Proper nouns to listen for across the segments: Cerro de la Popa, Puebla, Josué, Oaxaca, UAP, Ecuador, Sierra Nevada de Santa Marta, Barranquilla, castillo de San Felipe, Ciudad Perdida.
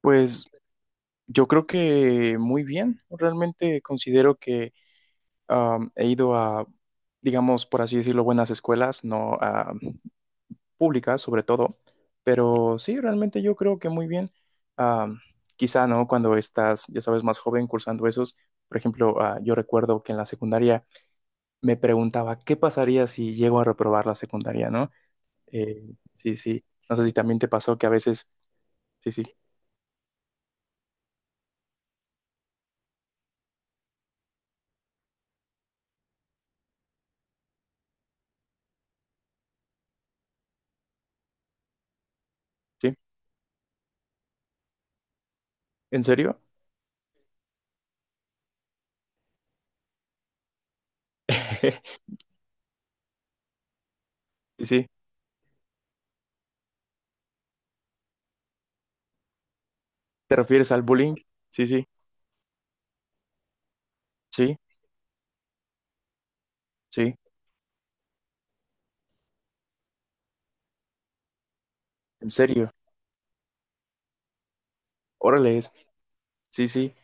Pues yo creo que muy bien. Realmente considero que he ido a, digamos, por así decirlo, buenas escuelas, no a públicas sobre todo, pero sí, realmente yo creo que muy bien. Am, Quizá, ¿no? Cuando estás, ya sabes, más joven cursando esos, por ejemplo, yo recuerdo que en la secundaria me preguntaba qué pasaría si llego a reprobar la secundaria, ¿no? Sí, sí. No sé si también te pasó que a veces, sí, sí, sí. ¿En serio? Sí, sí. ¿Te refieres al bullying? Sí, sí, sí, sí, en serio. Órale, es. Sí, sí.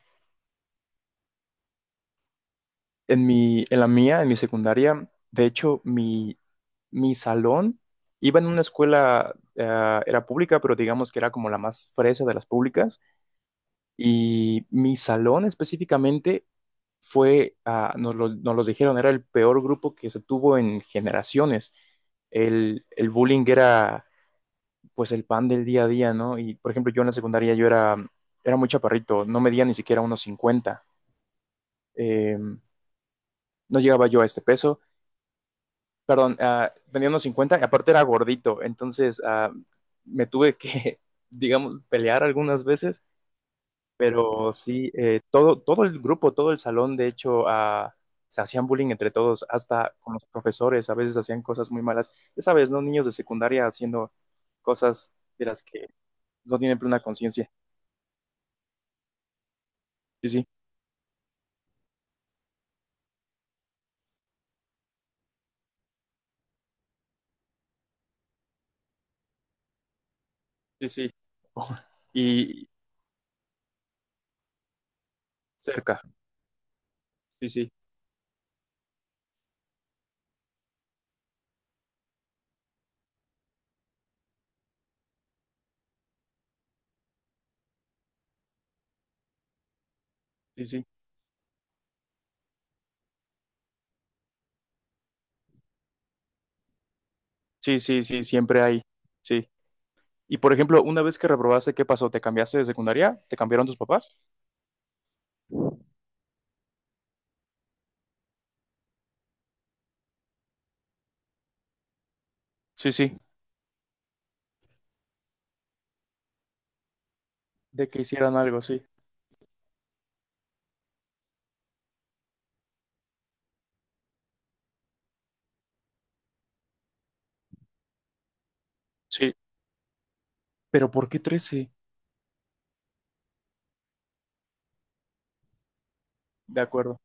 En mi, en la mía, En mi secundaria, de hecho, mi salón iba en una escuela, era pública, pero digamos que era como la más fresa de las públicas. Y mi salón específicamente fue, ah, nos lo, nos los dijeron, era el peor grupo que se tuvo en generaciones. El bullying era pues el pan del día a día, ¿no? Y por ejemplo, yo en la secundaria yo era muy chaparrito, no medía ni siquiera unos 50, eh, no llegaba yo a este peso, perdón, tenía unos 50 y aparte era gordito, entonces me tuve que, digamos, pelear algunas veces, pero sí, todo el grupo, todo el salón, de hecho, se hacían bullying entre todos, hasta con los profesores, a veces hacían cosas muy malas, ya sabes, ¿no? Niños de secundaria haciendo cosas de las que no tienen plena conciencia. Sí, sí. Sí, sí. Oh. Y cerca, sí, sí, sí, sí, sí, sí, sí, siempre hay, sí. Y por ejemplo, una vez que reprobaste, ¿qué pasó? ¿Te cambiaste de secundaria? ¿Te cambiaron tus papás? Sí, sí, de que hicieran algo, sí, sí. ¿Pero por qué 13? De acuerdo,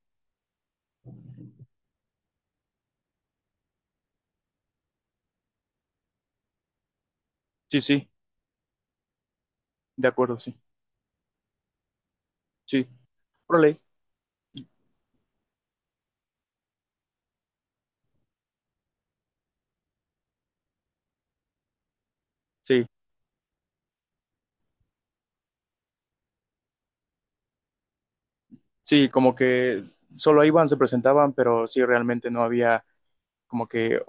sí, sí, de acuerdo, sí, sí. Órale, sí, sí, como que solo iban, se presentaban, pero sí, realmente no había como que.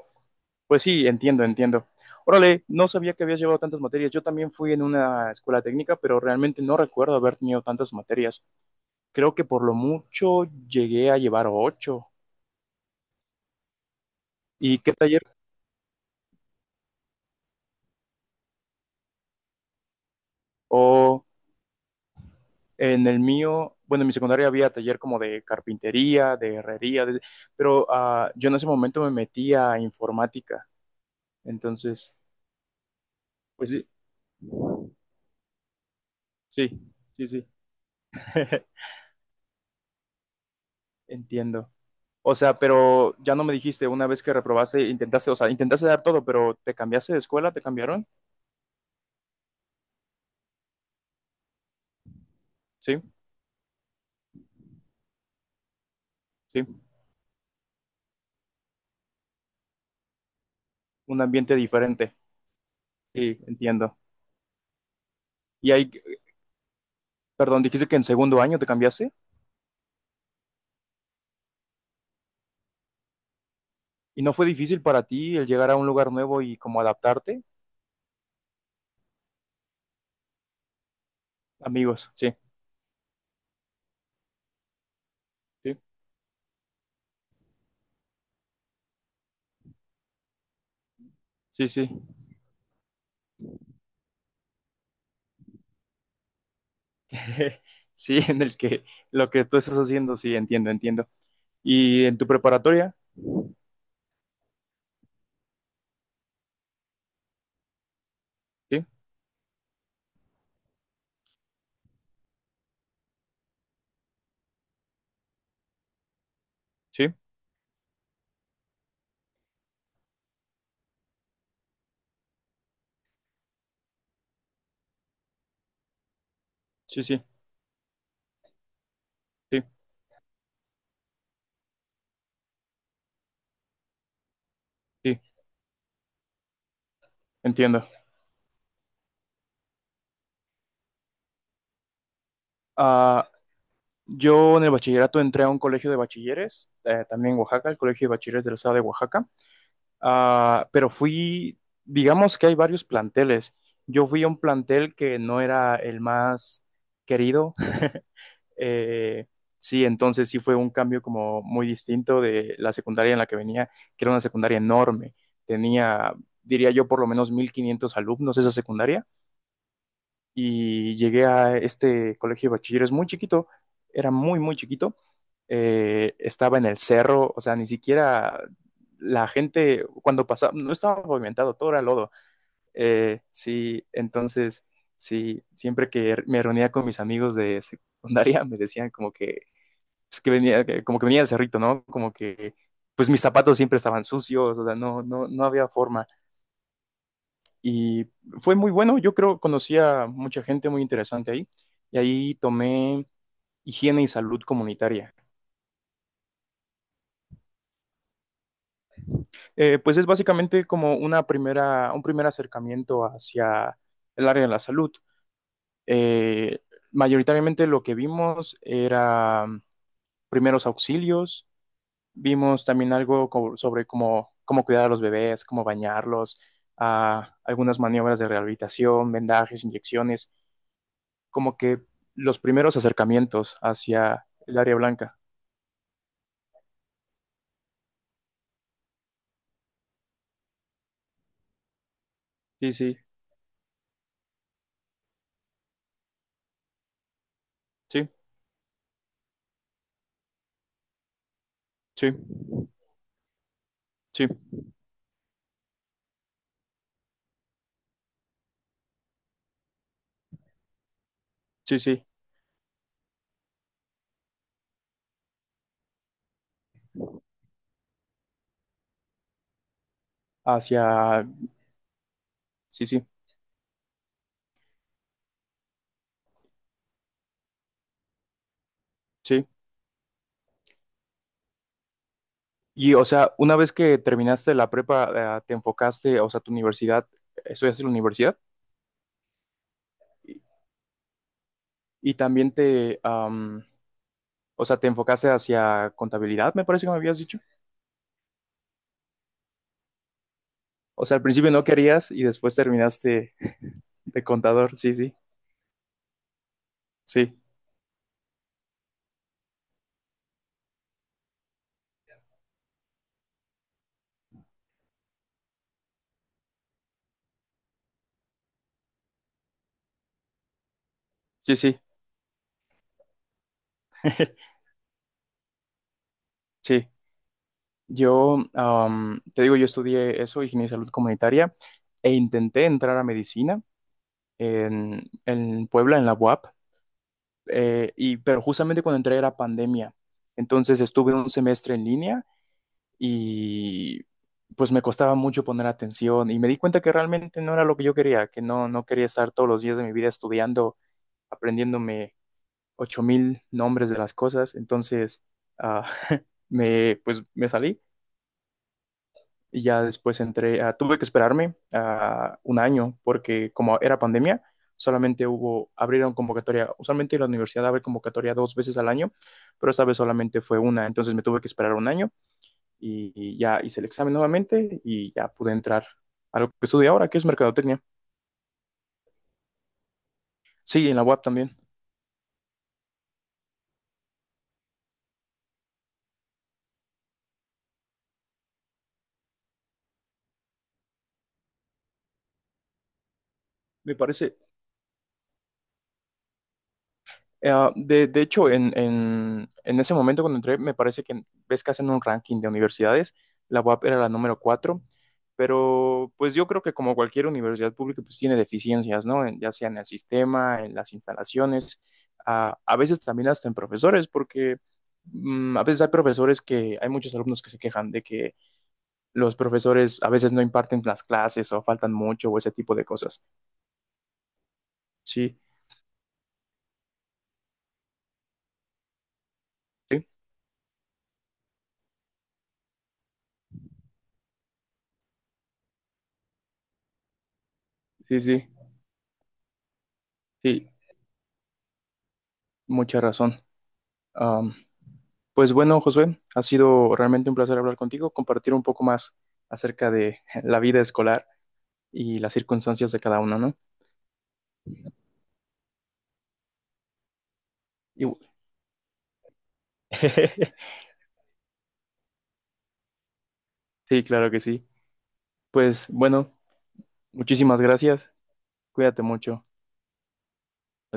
Pues sí, entiendo, entiendo. Órale, no sabía que habías llevado tantas materias. Yo también fui en una escuela técnica, pero realmente no recuerdo haber tenido tantas materias. Creo que por lo mucho llegué a llevar ocho. ¿Y qué taller? O en el mío, bueno, en mi secundaria había taller como de carpintería, de herrería, pero yo en ese momento me metí a informática. Entonces, pues sí, sí, sí, sí. Entiendo. O sea, pero ya no me dijiste, una vez que reprobaste, intentaste, o sea, intentaste dar todo, pero ¿te cambiaste de escuela? ¿Te cambiaron? Sí, sí. Un ambiente diferente. Sí, entiendo. Y ahí, perdón, dijiste que en segundo año te cambiaste. ¿Y no fue difícil para ti el llegar a un lugar nuevo y como adaptarte? Amigos, sí, sí, sí, sí. Sí, en el que lo que tú estás haciendo, sí, entiendo, entiendo. ¿Y en tu preparatoria? Sí, sí, sí, sí, sí, sí, entiendo. Ah, Yo en el bachillerato entré a un colegio de bachilleres, también en Oaxaca, el colegio de bachilleres del estado de Oaxaca. Pero fui, digamos que hay varios planteles. Yo fui a un plantel que no era el más querido. Eh, sí, entonces sí fue un cambio como muy distinto de la secundaria en la que venía, que era una secundaria enorme. Tenía, diría yo, por lo menos 1,500 alumnos esa secundaria y llegué a este colegio de bachilleros muy chiquito, era muy, muy chiquito, estaba en el cerro, o sea, ni siquiera la gente cuando pasaba, no estaba pavimentado, todo era lodo. Sí, entonces, sí, siempre que me reunía con mis amigos de secundaria, me decían como que, pues, que venía, como que venía del cerrito, ¿no? Como que, pues mis zapatos siempre estaban sucios, o sea, no, no, no había forma. Y fue muy bueno, yo creo, conocí a mucha gente muy interesante ahí y ahí tomé higiene y salud comunitaria. Pues es básicamente como una primera, un primer acercamiento hacia el área de la salud. Eh, Mayoritariamente lo que vimos era primeros auxilios, vimos también algo sobre cómo, cuidar a los bebés, cómo bañarlos, algunas maniobras de rehabilitación, vendajes, inyecciones, como que los primeros acercamientos hacia el área blanca. Sí, sí, sí, sí, sí, sí, sí, hacia, sí, sí, sí. Y, o sea, una vez que terminaste la prepa, te enfocaste, o sea, tu universidad, estudiaste en la universidad y, y también o sea, te enfocaste hacia contabilidad, me parece que me habías dicho. O sea, al principio no querías y después terminaste de contador. Sí, sí, sí, sí, sí, sí. Yo, te digo, yo estudié eso, ingeniería de salud comunitaria, e intenté entrar a medicina en Puebla, en la UAP, pero justamente cuando entré era pandemia. Entonces estuve un semestre en línea y pues me costaba mucho poner atención y me di cuenta que realmente no era lo que yo quería, que no, no quería estar todos los días de mi vida estudiando, aprendiéndome 8,000 nombres de las cosas. Entonces, ah, pues, me salí. Y ya después entré, tuve que esperarme un año porque como era pandemia, solamente hubo, abrieron convocatoria, usualmente la universidad abre convocatoria dos veces al año, pero esta vez solamente fue una, entonces me tuve que esperar un año y, ya hice el examen nuevamente y ya pude entrar a lo que estudio ahora, que es mercadotecnia. Sí, en la UAP también. Me parece. De hecho, en ese momento cuando entré, me parece que ves que hacen un ranking de universidades, la UAP era la número cuatro, pero pues yo creo que como cualquier universidad pública, pues tiene deficiencias, ¿no? Ya sea en el sistema, en las instalaciones, a veces también hasta en profesores, porque a veces hay muchos alumnos que se quejan de que los profesores a veces no imparten las clases o faltan mucho o ese tipo de cosas. Sí, sí, sí, sí, sí, mucha razón. Am, Pues bueno, Josué, ha sido realmente un placer hablar contigo, compartir un poco más acerca de la vida escolar y las circunstancias de cada uno, ¿no? Y- Sí, claro que sí. Pues bueno, muchísimas gracias. Cuídate mucho.